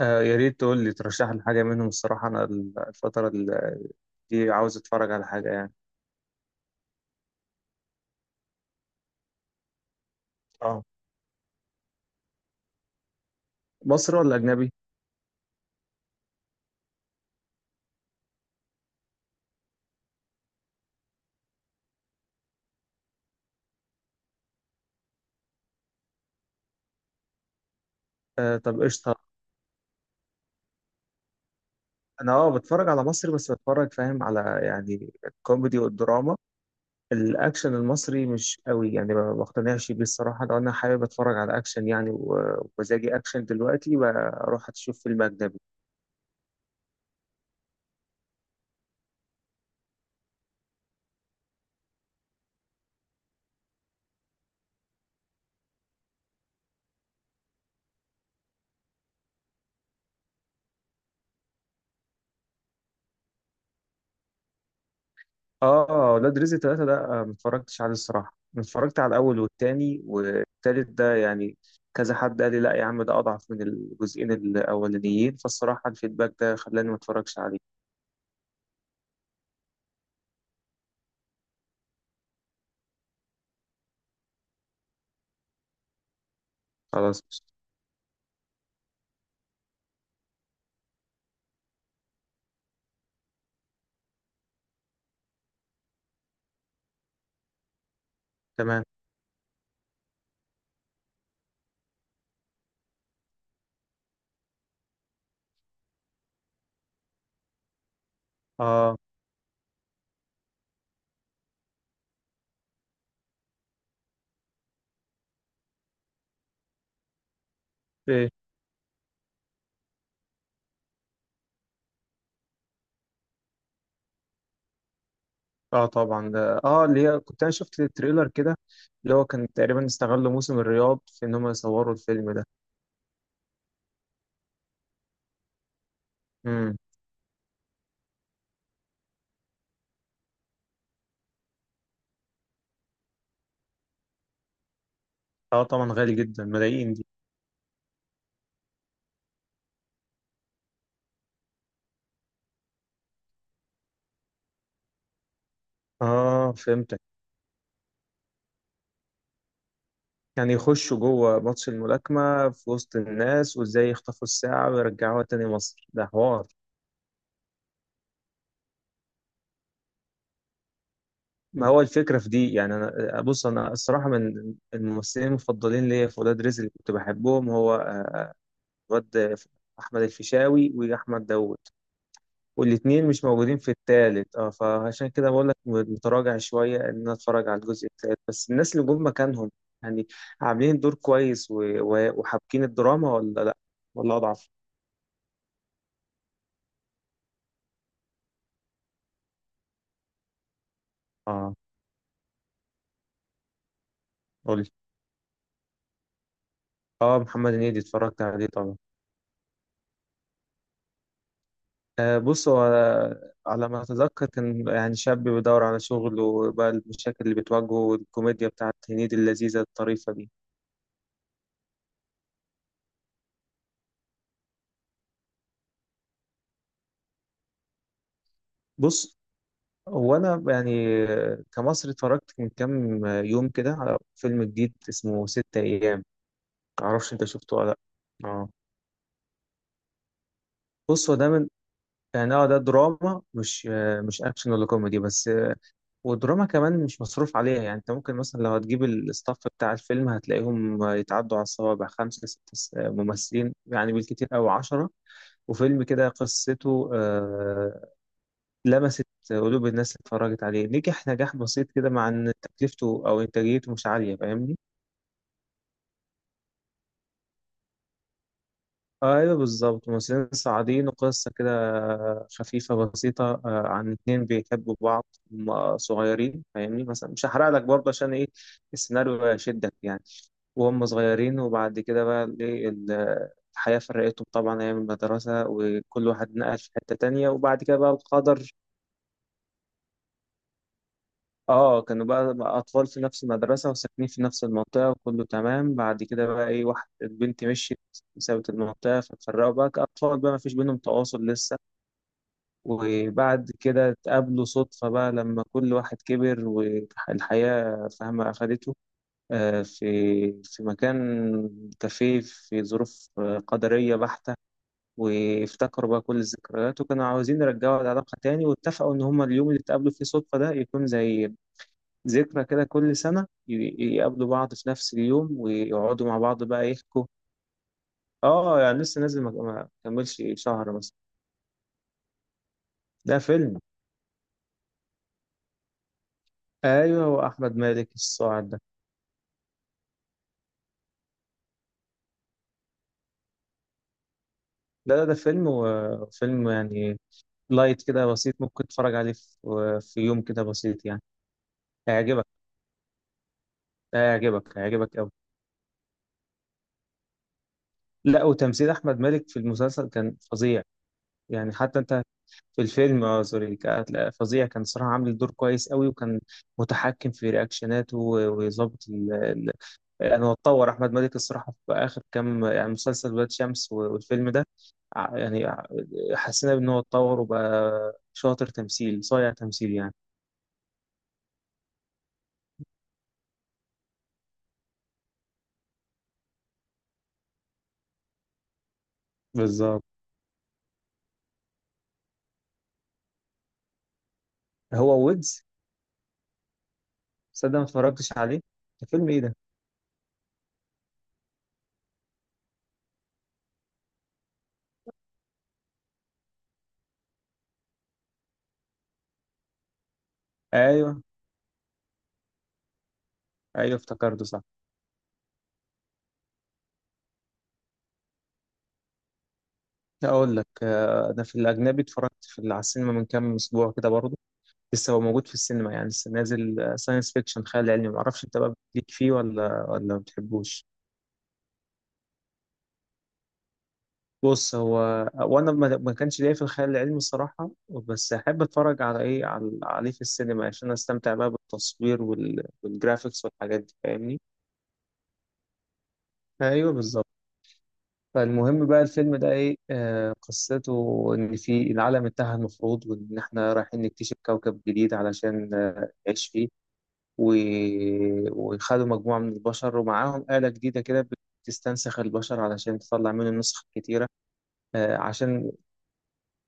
آه، يا ريت تقول لي ترشح لي حاجة منهم. الصراحة أنا الفترة دي عاوز أتفرج على حاجة يعني. اه، مصري ولا أجنبي؟ آه، طب قشطة. أنا بتفرج على مصري، بس بتفرج فاهم على يعني الكوميدي والدراما. الأكشن المصري مش قوي يعني، ما بقتنعش بيه الصراحة. لو أنا حابب أتفرج على أكشن يعني و- ومزاجي أكشن دلوقتي بروح أشوف فيلم أجنبي. اه، ولاد رزق ثلاثة ده، ما اتفرجتش عليه الصراحة. أنا اتفرجت على الأول والتاني، والتالت ده يعني كذا حد قال لي: لا يا عم، ده أضعف من الجزئين الأولانيين. فالصراحة الفيدباك ده خلاني ما اتفرجش عليه. خلاص قشطة. تمام. اه، ايه. اه، طبعا ده اللي هي كنت انا شفت التريلر كده، اللي هو كان تقريبا استغلوا موسم الرياض في ان هم يصوروا الفيلم ده. امم. اه، طبعا، غالي جدا، ملايين دي. اه، فهمت. يعني يخشوا جوه ماتش الملاكمة في وسط الناس، وازاي يخطفوا الساعة ويرجعوها تاني مصر، ده حوار. ما هو الفكرة في دي يعني. أنا بص، أنا الصراحة من الممثلين المفضلين ليا في ولاد رزق اللي كنت بحبهم هو الواد أحمد الفيشاوي وأحمد داوود. والاتنين مش موجودين في التالت، اه، فعشان كده بقول لك متراجع شوية إن أنا أتفرج على الجزء التالت. بس الناس اللي جم مكانهم يعني عاملين دور كويس و- و- وحابكين الدراما ولا لأ؟ ولا أضعف؟ اه، قول. اه، محمد هنيدي اتفرجت عليه طبعا. آه، بص هو على ما اتذكر كان يعني شاب بيدور على شغل وبقى المشاكل اللي بتواجهه، والكوميديا بتاعت هنيدي اللذيذه الطريفه دي. بص، هو انا يعني كمصري اتفرجت من كام يوم كده على فيلم جديد اسمه ستة ايام. معرفش انت شفته ولا لا. اه، بص هو ده من يعني ده دراما، مش اكشن ولا كوميدي بس. ودراما كمان مش مصروف عليها. يعني انت ممكن مثلا لو هتجيب الستاف بتاع الفيلم هتلاقيهم يتعدوا على الصوابع، خمسة ستة ممثلين يعني بالكتير أو عشرة. وفيلم كده قصته لمست قلوب الناس. اللي اتفرجت عليه نجح نجاح بسيط كده، مع ان تكلفته او انتاجيته مش عالية، فاهمني؟ ايوه بالظبط، ممثلين صاعدين وقصة كده خفيفة بسيطة عن اتنين بيحبوا بعض. هما صغيرين فاهمني، مثلا مش هحرق لك برضه عشان ايه السيناريو يشدك يعني. وهم صغيرين، وبعد كده بقى الحياة فرقتهم، طبعا أيام المدرسة وكل واحد نقل في حتة تانية، وبعد كده بقى القدر. اه، كانوا بقى أطفال في نفس المدرسة وساكنين في نفس المنطقة، وكله تمام. بعد كده بقى واحد البنت مشيت سابت المنطقة، فاتفرقوا بقى كأطفال، بقى مفيش بينهم تواصل لسه. وبعد كده اتقابلوا صدفة بقى لما كل واحد كبر والحياة فاهمة أخدته، آه، في في مكان كافيه، في ظروف قدرية بحتة. وافتكروا بقى كل الذكريات، وكانوا عاوزين يرجعوا العلاقة تاني. واتفقوا إن هما اليوم اللي اتقابلوا فيه صدفة ده يكون زي ذكرى كده، كل سنة يقابلوا بعض في نفس اليوم ويقعدوا مع بعض بقى يحكوا. اه، يعني لسه نازل، ما كملش شهر مثلا. ده فيلم. ايوه، واحمد مالك الصاعد ده. لا، لا، ده فيلم. وفيلم يعني لايت كده، بسيط، ممكن تتفرج عليه في يوم كده بسيط يعني. هيعجبك، هيعجبك، هيعجبك قوي. لا، وتمثيل احمد مالك في المسلسل كان فظيع. يعني حتى انت. في الفيلم، سوري، لا، فظيع كان صراحة، عامل دور كويس قوي وكان متحكم في رياكشناته، و- ويظبط ال... يعني هو اتطور احمد مالك الصراحة في اخر كام، يعني مسلسل ولاد شمس و- والفيلم ده ع- يعني ع- حسينا ان هو اتطور وبقى شاطر تمثيل، صايع تمثيل يعني. بالظبط. هو ويدز. صدق ما اتفرجتش عليه. ده فيلم ايه ده؟ ايوه، ايوه، افتكرته صح. اقول لك انا في الاجنبي اتفرجت على السينما من كام اسبوع كده برضه. لسه هو موجود في السينما يعني، لسه نازل، ساينس فيكشن، خيال علمي. معرفش انت بقى بتليك فيه ولا ما بتحبوش. بص، هو وانا ما كانش ليا في الخيال العلمي الصراحه، بس احب اتفرج على ايه على عليه في السينما عشان استمتع بقى بالتصوير وال... والجرافيكس والحاجات دي، فاهمني؟ ايوه بالظبط. فالمهم بقى الفيلم ده ايه آه قصته ان في العالم انتهى المفروض، وان احنا رايحين نكتشف كوكب جديد علشان نعيش فيه. و... وخدوا مجموعة من البشر ومعاهم آلة جديدة كده بتستنسخ البشر علشان تطلع منه النسخ الكتيرة. آه، عشان.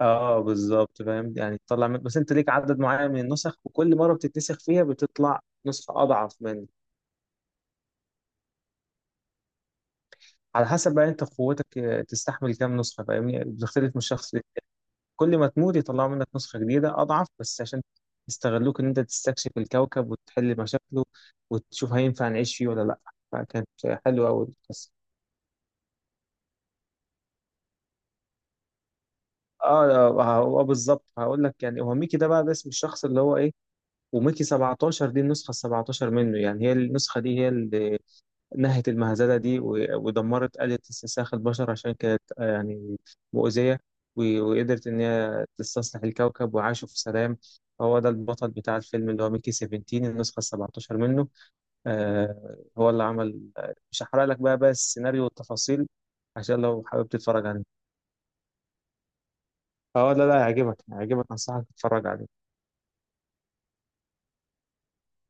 اه، بالظبط فاهم يعني. تطلع من... بس انت ليك عدد معين من النسخ، وكل مرة بتتنسخ فيها بتطلع نسخة أضعف من. على حسب بقى انت قوتك تستحمل كام نسخة، فاهمني؟ بتختلف من شخص ليه. كل ما تموت يطلعوا منك نسخة جديدة أضعف، بس عشان يستغلوك إن أنت تستكشف الكوكب وتحل مشاكله، وتشوف هينفع نعيش فيه ولا لأ. فكانت حلوة أوي. اه، هو بالظبط هقول لك. يعني هو ميكي ده بقى، ده اسم الشخص اللي هو ايه. وميكي 17 دي النسخه ال 17 منه، يعني هي النسخه دي هي اللي نهت المهزله دي و- ودمرت آلة استنساخ البشر عشان كانت يعني مؤذيه، و- وقدرت ان هي تستصلح الكوكب وعاشوا في سلام. هو ده البطل بتاع الفيلم اللي هو ميكي 17 النسخه ال 17 منه. هو اللي عمل مش هحرق لك بقى السيناريو والتفاصيل. عشان لو حابب تتفرج عليه. اه، لا، لا، هيعجبك، هيعجبك، انصحك تتفرج عليه.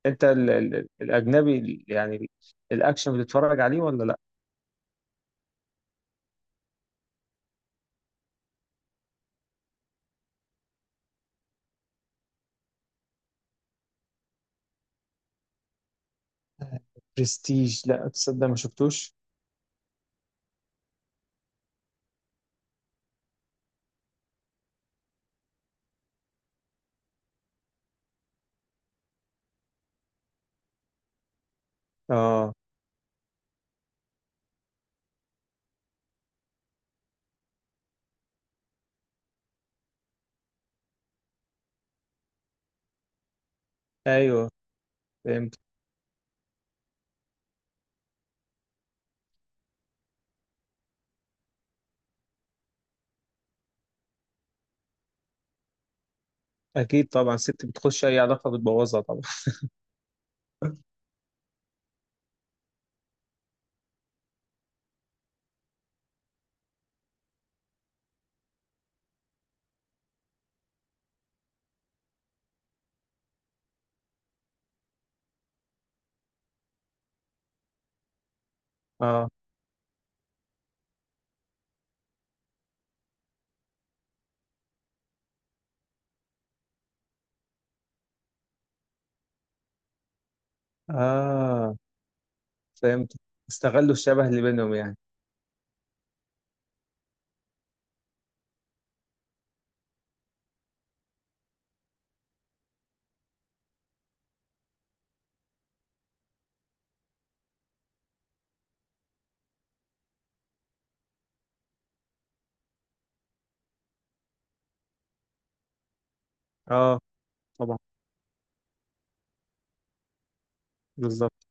انت الاجنبي الاكشن بتتفرج عليه ولا لا؟ برستيج؟ لا تصدق، ما شفتوش. اه، ايوه فهمت. اكيد طبعا، ست بتخش اي علاقه بتبوظها طبعا. اه، اه، فهمت. استغلوا الشبه اللي بينهم يعني. اه، طبعا. بالظبط.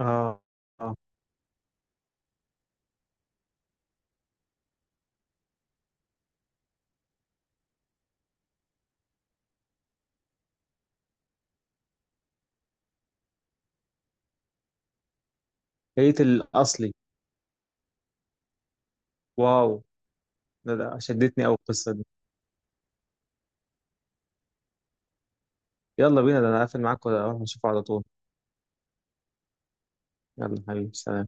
اه، اه، هيت الاصلي. واو. ده شدتني قوي القصه دي. يلا بينا، ده انا قافل معاك ولا اروح اشوفه على طول؟ يلا حبيبي، سلام.